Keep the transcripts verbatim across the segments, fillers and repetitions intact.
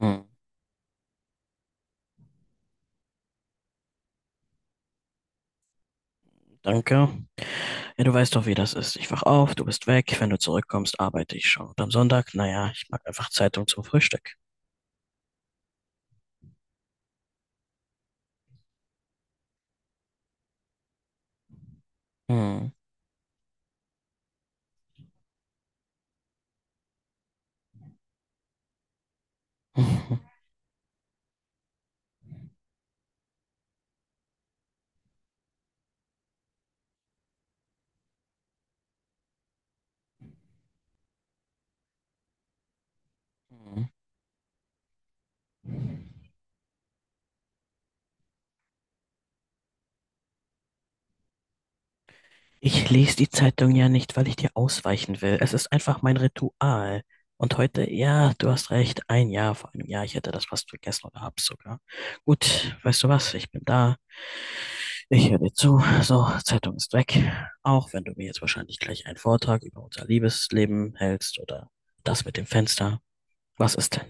Hm, danke. Ja, du weißt doch, wie das ist. Ich wach auf, du bist weg. Wenn du zurückkommst, arbeite ich schon. Und am Sonntag, naja, ich mag einfach Zeitung zum Frühstück. Hm. Ich lese die Zeitung ja nicht, weil ich dir ausweichen will. Es ist einfach mein Ritual. Und heute, ja, du hast recht, ein Jahr vor einem Jahr, ich hätte das fast vergessen oder hab's sogar. Gut, weißt du was, ich bin da. Ich höre dir zu. So, Zeitung ist weg. Auch wenn du mir jetzt wahrscheinlich gleich einen Vortrag über unser Liebesleben hältst oder das mit dem Fenster. Was ist denn?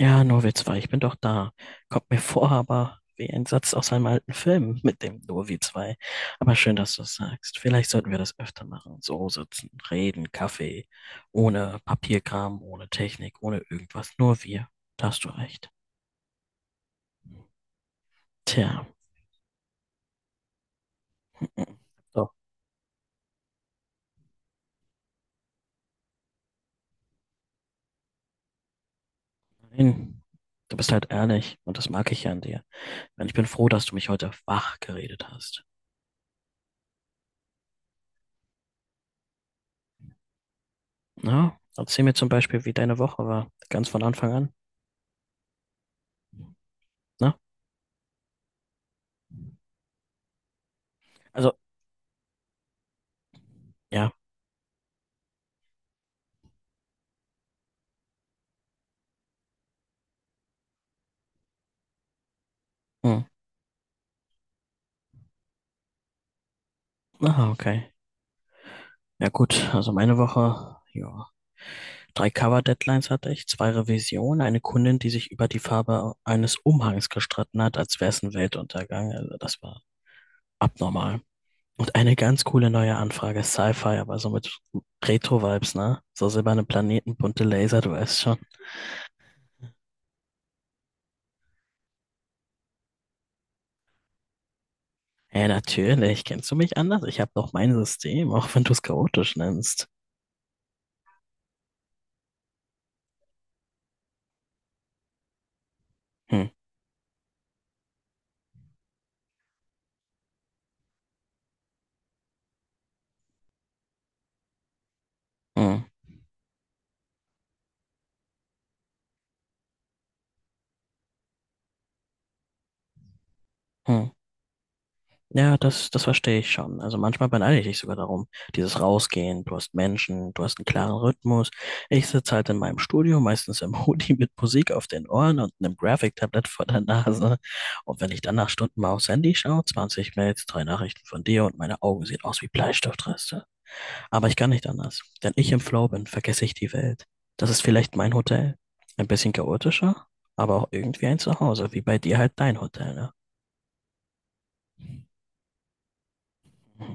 Ja, Nurwitz war, ich bin doch da. Kommt mir vor, aber wie ein Satz aus einem alten Film mit dem Nurwitz war. Aber schön, dass du es sagst. Vielleicht sollten wir das öfter machen. So sitzen, reden, Kaffee. Ohne Papierkram, ohne Technik, ohne irgendwas. Nur wir. Da hast du recht. Tja. So. Nein. Du bist halt ehrlich und das mag ich ja an dir. Mann, ich bin froh, dass du mich heute wach geredet hast. Na, erzähl mir zum Beispiel, wie deine Woche war, ganz von Anfang an. Na, also, ja. Hm. Aha, okay. Ja gut, also meine Woche, ja. Drei Cover-Deadlines hatte ich, zwei Revisionen, eine Kundin, die sich über die Farbe eines Umhangs gestritten hat, als wäre es ein Weltuntergang. Also das war abnormal. Und eine ganz coole neue Anfrage, Sci-Fi, aber so mit Retro-Vibes, ne? So silberne Planeten, bunte Laser, du weißt schon. Ja, natürlich. Kennst du mich anders? Ich habe doch mein System, auch wenn du es chaotisch nennst. Hm, hm, hm. Ja, das, das verstehe ich schon. Also manchmal beneide ich dich sogar darum. Dieses Rausgehen, du hast Menschen, du hast einen klaren Rhythmus. Ich sitze halt in meinem Studio, meistens im Hoodie mit Musik auf den Ohren und einem Graphic-Tablet vor der Nase. Und wenn ich dann nach Stunden mal aufs Handy schaue, zwanzig Mails, drei Nachrichten von dir und meine Augen sehen aus wie Bleistiftreste. Aber ich kann nicht anders. Wenn ich im Flow bin, vergesse ich die Welt. Das ist vielleicht mein Hotel. Ein bisschen chaotischer, aber auch irgendwie ein Zuhause, wie bei dir halt dein Hotel, ne? Mhm.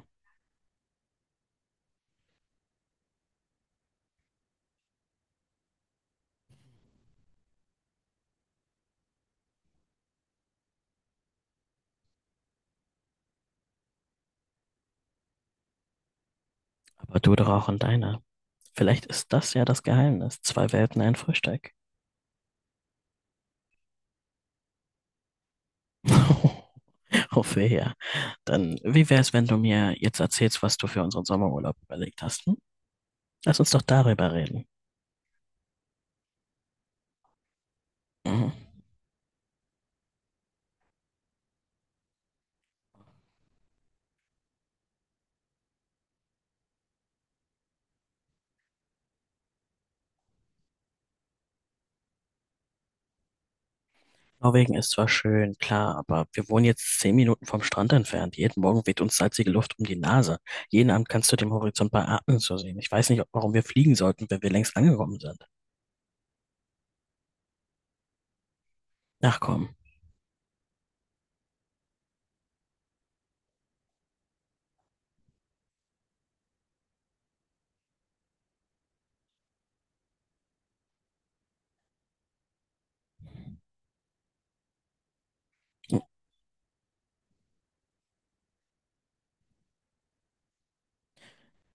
Aber du doch auch in deiner. Vielleicht ist das ja das Geheimnis. Zwei Welten, ein Frühstück. Hoffe ja. Dann, wie wär's, wenn du mir jetzt erzählst, was du für unseren Sommerurlaub überlegt hast? Hm? Lass uns doch darüber reden. Mhm. Norwegen ist zwar schön, klar, aber wir wohnen jetzt zehn Minuten vom Strand entfernt. Jeden Morgen weht uns salzige Luft um die Nase. Jeden Abend kannst du den Horizont bei Atmen so sehen. Ich weiß nicht, warum wir fliegen sollten, wenn wir längst angekommen sind. Ach komm.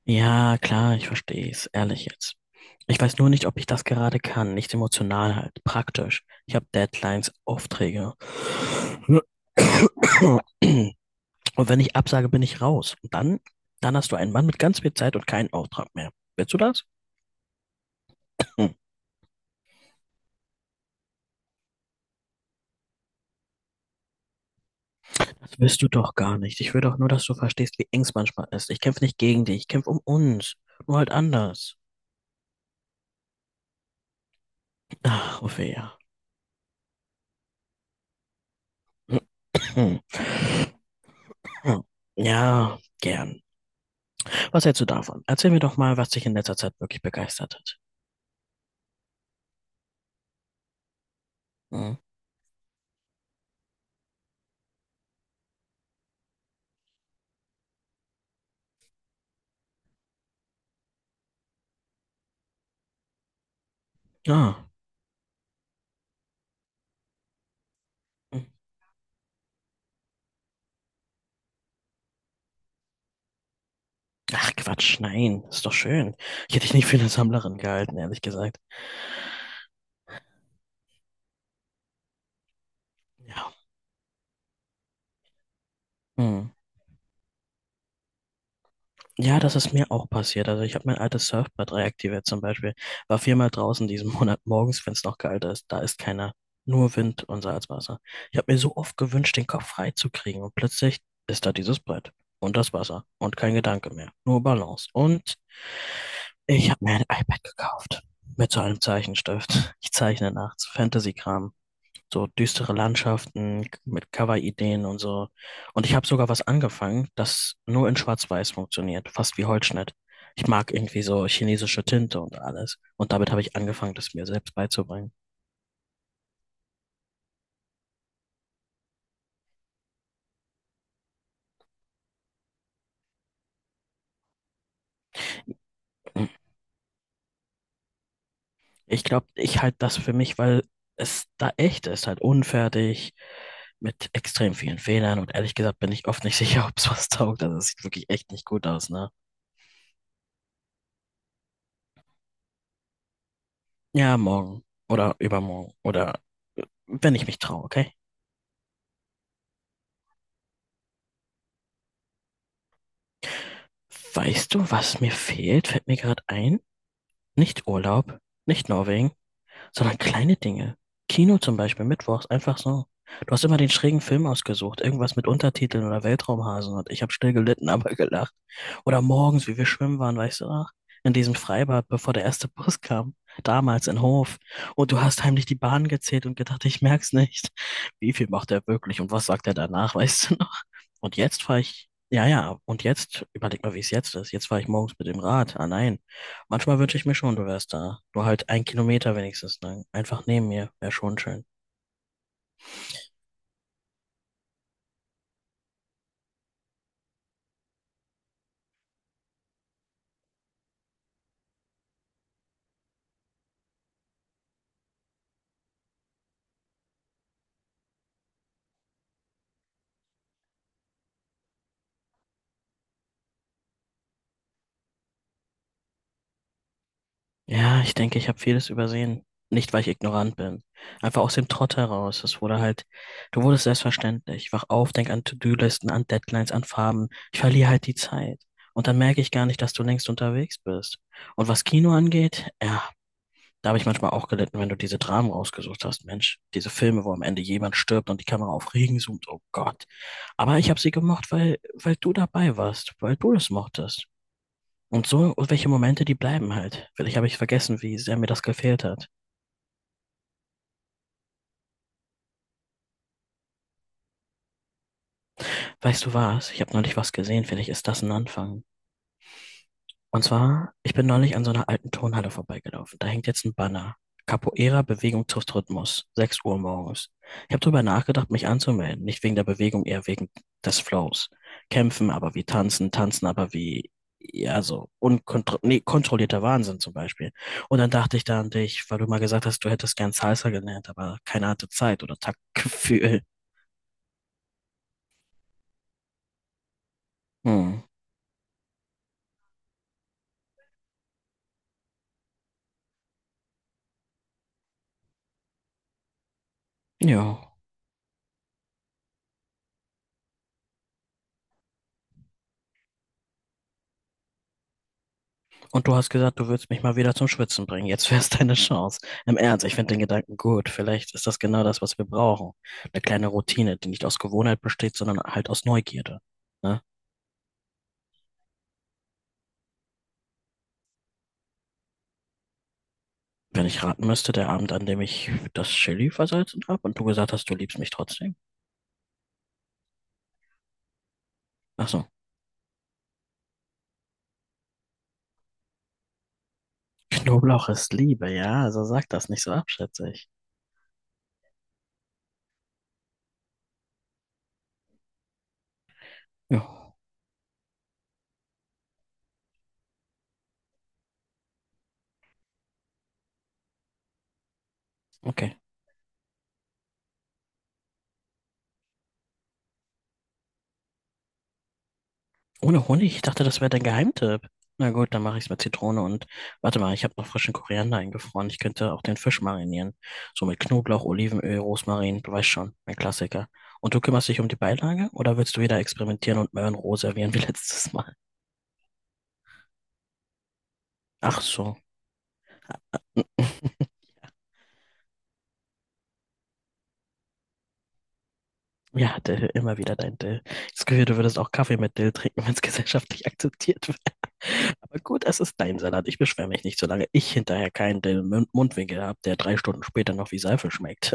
Ja, klar, ich verstehe es. Ehrlich jetzt. Ich weiß nur nicht, ob ich das gerade kann. Nicht emotional halt. Praktisch. Ich habe Deadlines, Aufträge. Und wenn ich absage, bin ich raus. Und dann, dann hast du einen Mann mit ganz viel Zeit und keinen Auftrag mehr. Willst du das? Das willst du doch gar nicht. Ich will doch nur, dass du verstehst, wie eng es manchmal ist. Ich kämpfe nicht gegen dich, ich kämpfe um uns. Nur halt anders. Ach, Ophelia. Ja, gern. Was hältst du davon? Erzähl mir doch mal, was dich in letzter Zeit wirklich begeistert hat. Hm? Ah. Ach, Quatsch, nein. Ist doch schön. Ich hätte dich nicht für eine Sammlerin gehalten, ehrlich gesagt. Ja. Hm. Ja, das ist mir auch passiert. Also ich habe mein altes Surfbrett reaktiviert zum Beispiel. War viermal draußen diesen Monat morgens, wenn es noch kalt ist. Da ist keiner. Nur Wind und Salzwasser. Ich habe mir so oft gewünscht, den Kopf frei zu kriegen. Und plötzlich ist da dieses Brett. Und das Wasser. Und kein Gedanke mehr. Nur Balance. Und ich habe mir ein iPad gekauft. Mit so einem Zeichenstift. Ich zeichne nachts Fantasy-Kram, so düstere Landschaften mit Cover-Ideen und so. Und ich habe sogar was angefangen, das nur in Schwarz-Weiß funktioniert, fast wie Holzschnitt. Ich mag irgendwie so chinesische Tinte und alles. Und damit habe ich angefangen, das mir selbst beizubringen. Ich glaube, ich halte das für mich, weil es da echt ist, halt unfertig, mit extrem vielen Fehlern. Und ehrlich gesagt bin ich oft nicht sicher, ob es was taugt. Also es sieht wirklich echt nicht gut aus, ne? Ja, morgen oder übermorgen oder wenn ich mich traue, okay? Weißt du, was mir fehlt? Fällt mir gerade ein. Nicht Urlaub, nicht Norwegen, sondern kleine Dinge. Kino zum Beispiel, mittwochs, einfach so. Du hast immer den schrägen Film ausgesucht, irgendwas mit Untertiteln oder Weltraumhasen und ich habe still gelitten, aber gelacht. Oder morgens, wie wir schwimmen waren, weißt du noch? In diesem Freibad, bevor der erste Bus kam, damals in Hof. Und du hast heimlich die Bahn gezählt und gedacht, ich merk's nicht. Wie viel macht er wirklich und was sagt er danach, weißt du, und jetzt fahre ich, ja, ja, und jetzt, überleg mal, wie es jetzt ist. Jetzt fahre ich morgens mit dem Rad. Ah, nein. Manchmal wünsche ich mir schon, du wärst da. Nur halt ein Kilometer wenigstens lang. Einfach neben mir. Wäre schon schön. Ja, ich denke, ich habe vieles übersehen. Nicht, weil ich ignorant bin. Einfach aus dem Trott heraus. Es wurde halt, du wurdest selbstverständlich. Ich wach auf, denk an To-Do-Listen, an Deadlines, an Farben. Ich verliere halt die Zeit. Und dann merke ich gar nicht, dass du längst unterwegs bist. Und was Kino angeht, ja, da habe ich manchmal auch gelitten, wenn du diese Dramen rausgesucht hast, Mensch. Diese Filme, wo am Ende jemand stirbt und die Kamera auf Regen zoomt. Oh Gott. Aber ich habe sie gemocht, weil, weil du dabei warst, weil du das mochtest. Und so, und welche Momente, die bleiben halt. Vielleicht habe ich vergessen, wie sehr mir das gefehlt hat. Weißt du was? Ich habe neulich was gesehen. Vielleicht ist das ein Anfang. Und zwar, ich bin neulich an so einer alten Turnhalle vorbeigelaufen. Da hängt jetzt ein Banner. Capoeira, Bewegung trifft Rhythmus. sechs Uhr morgens. Ich habe darüber nachgedacht, mich anzumelden. Nicht wegen der Bewegung, eher wegen des Flows. Kämpfen, aber wie tanzen, tanzen, aber wie, ja, so unkontro nee, kontrollierter Wahnsinn zum Beispiel. Und dann dachte ich da an dich, weil du mal gesagt hast, du hättest gern Salsa gelernt, aber keine hatte Zeit oder Taktgefühl. Hm. Ja. Und du hast gesagt, du würdest mich mal wieder zum Schwitzen bringen. Jetzt wär's deine Chance. Im Ernst, ich finde den Gedanken gut. Vielleicht ist das genau das, was wir brauchen. Eine kleine Routine, die nicht aus Gewohnheit besteht, sondern halt aus Neugierde. Ne? Wenn ich raten müsste, der Abend, an dem ich das Chili versalzen habe und du gesagt hast, du liebst mich trotzdem. Ach so. Knoblauch ist Liebe, ja. Also sag das nicht so abschätzig. Ja, okay. Ohne Honig? Ich dachte, das wäre dein Geheimtipp. Na gut, dann mache ich es mit Zitrone und warte mal, ich habe noch frischen Koriander eingefroren. Ich könnte auch den Fisch marinieren. So mit Knoblauch, Olivenöl, Rosmarin, du weißt schon, mein Klassiker. Und du kümmerst dich um die Beilage oder willst du wieder experimentieren und Möhrenroh servieren wie letztes Mal? Ach so. Hm, ja, Dill, immer wieder dein Dill. Das Gefühl, du würdest auch Kaffee mit Dill trinken, wenn es gesellschaftlich akzeptiert wäre. Aber gut, es ist dein Salat. Ich beschwere mich nicht, solange ich hinterher keinen Dill im Mund- Mundwinkel habe, der drei Stunden später noch wie Seife schmeckt.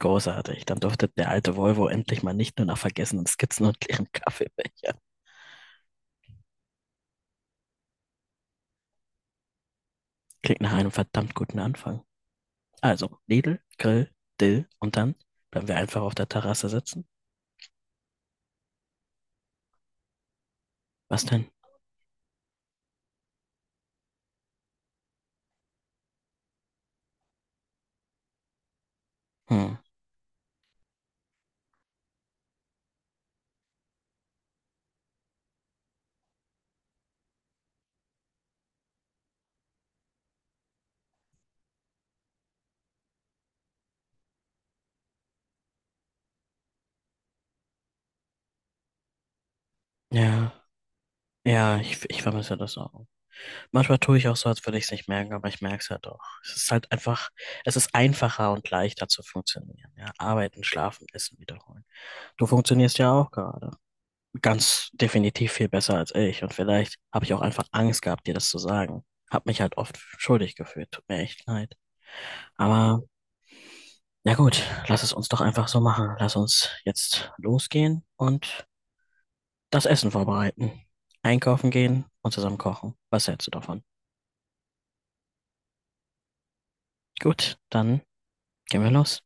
Großartig. Dann durfte der alte Volvo endlich mal nicht nur nach vergessenen Skizzen und leeren Kaffeebecher. Klingt nach einem verdammt guten Anfang. Also, Lidl, Grill, Dill, und dann bleiben wir einfach auf der Terrasse sitzen. Was denn? Hm. Ja, ja, ich, ich vermisse das auch. Manchmal tue ich auch so, als würde ich es nicht merken, aber ich merke es ja doch. Es ist halt einfach, es ist einfacher und leichter zu funktionieren. Ja, arbeiten, schlafen, essen, wiederholen. Du funktionierst ja auch gerade ganz definitiv viel besser als ich. Und vielleicht habe ich auch einfach Angst gehabt, dir das zu sagen. Hab mich halt oft schuldig gefühlt. Tut mir echt leid. Aber ja gut, lass es uns doch einfach so machen. Lass uns jetzt losgehen und das Essen vorbereiten. Einkaufen gehen und zusammen kochen. Was hältst du davon? Gut, dann gehen wir los.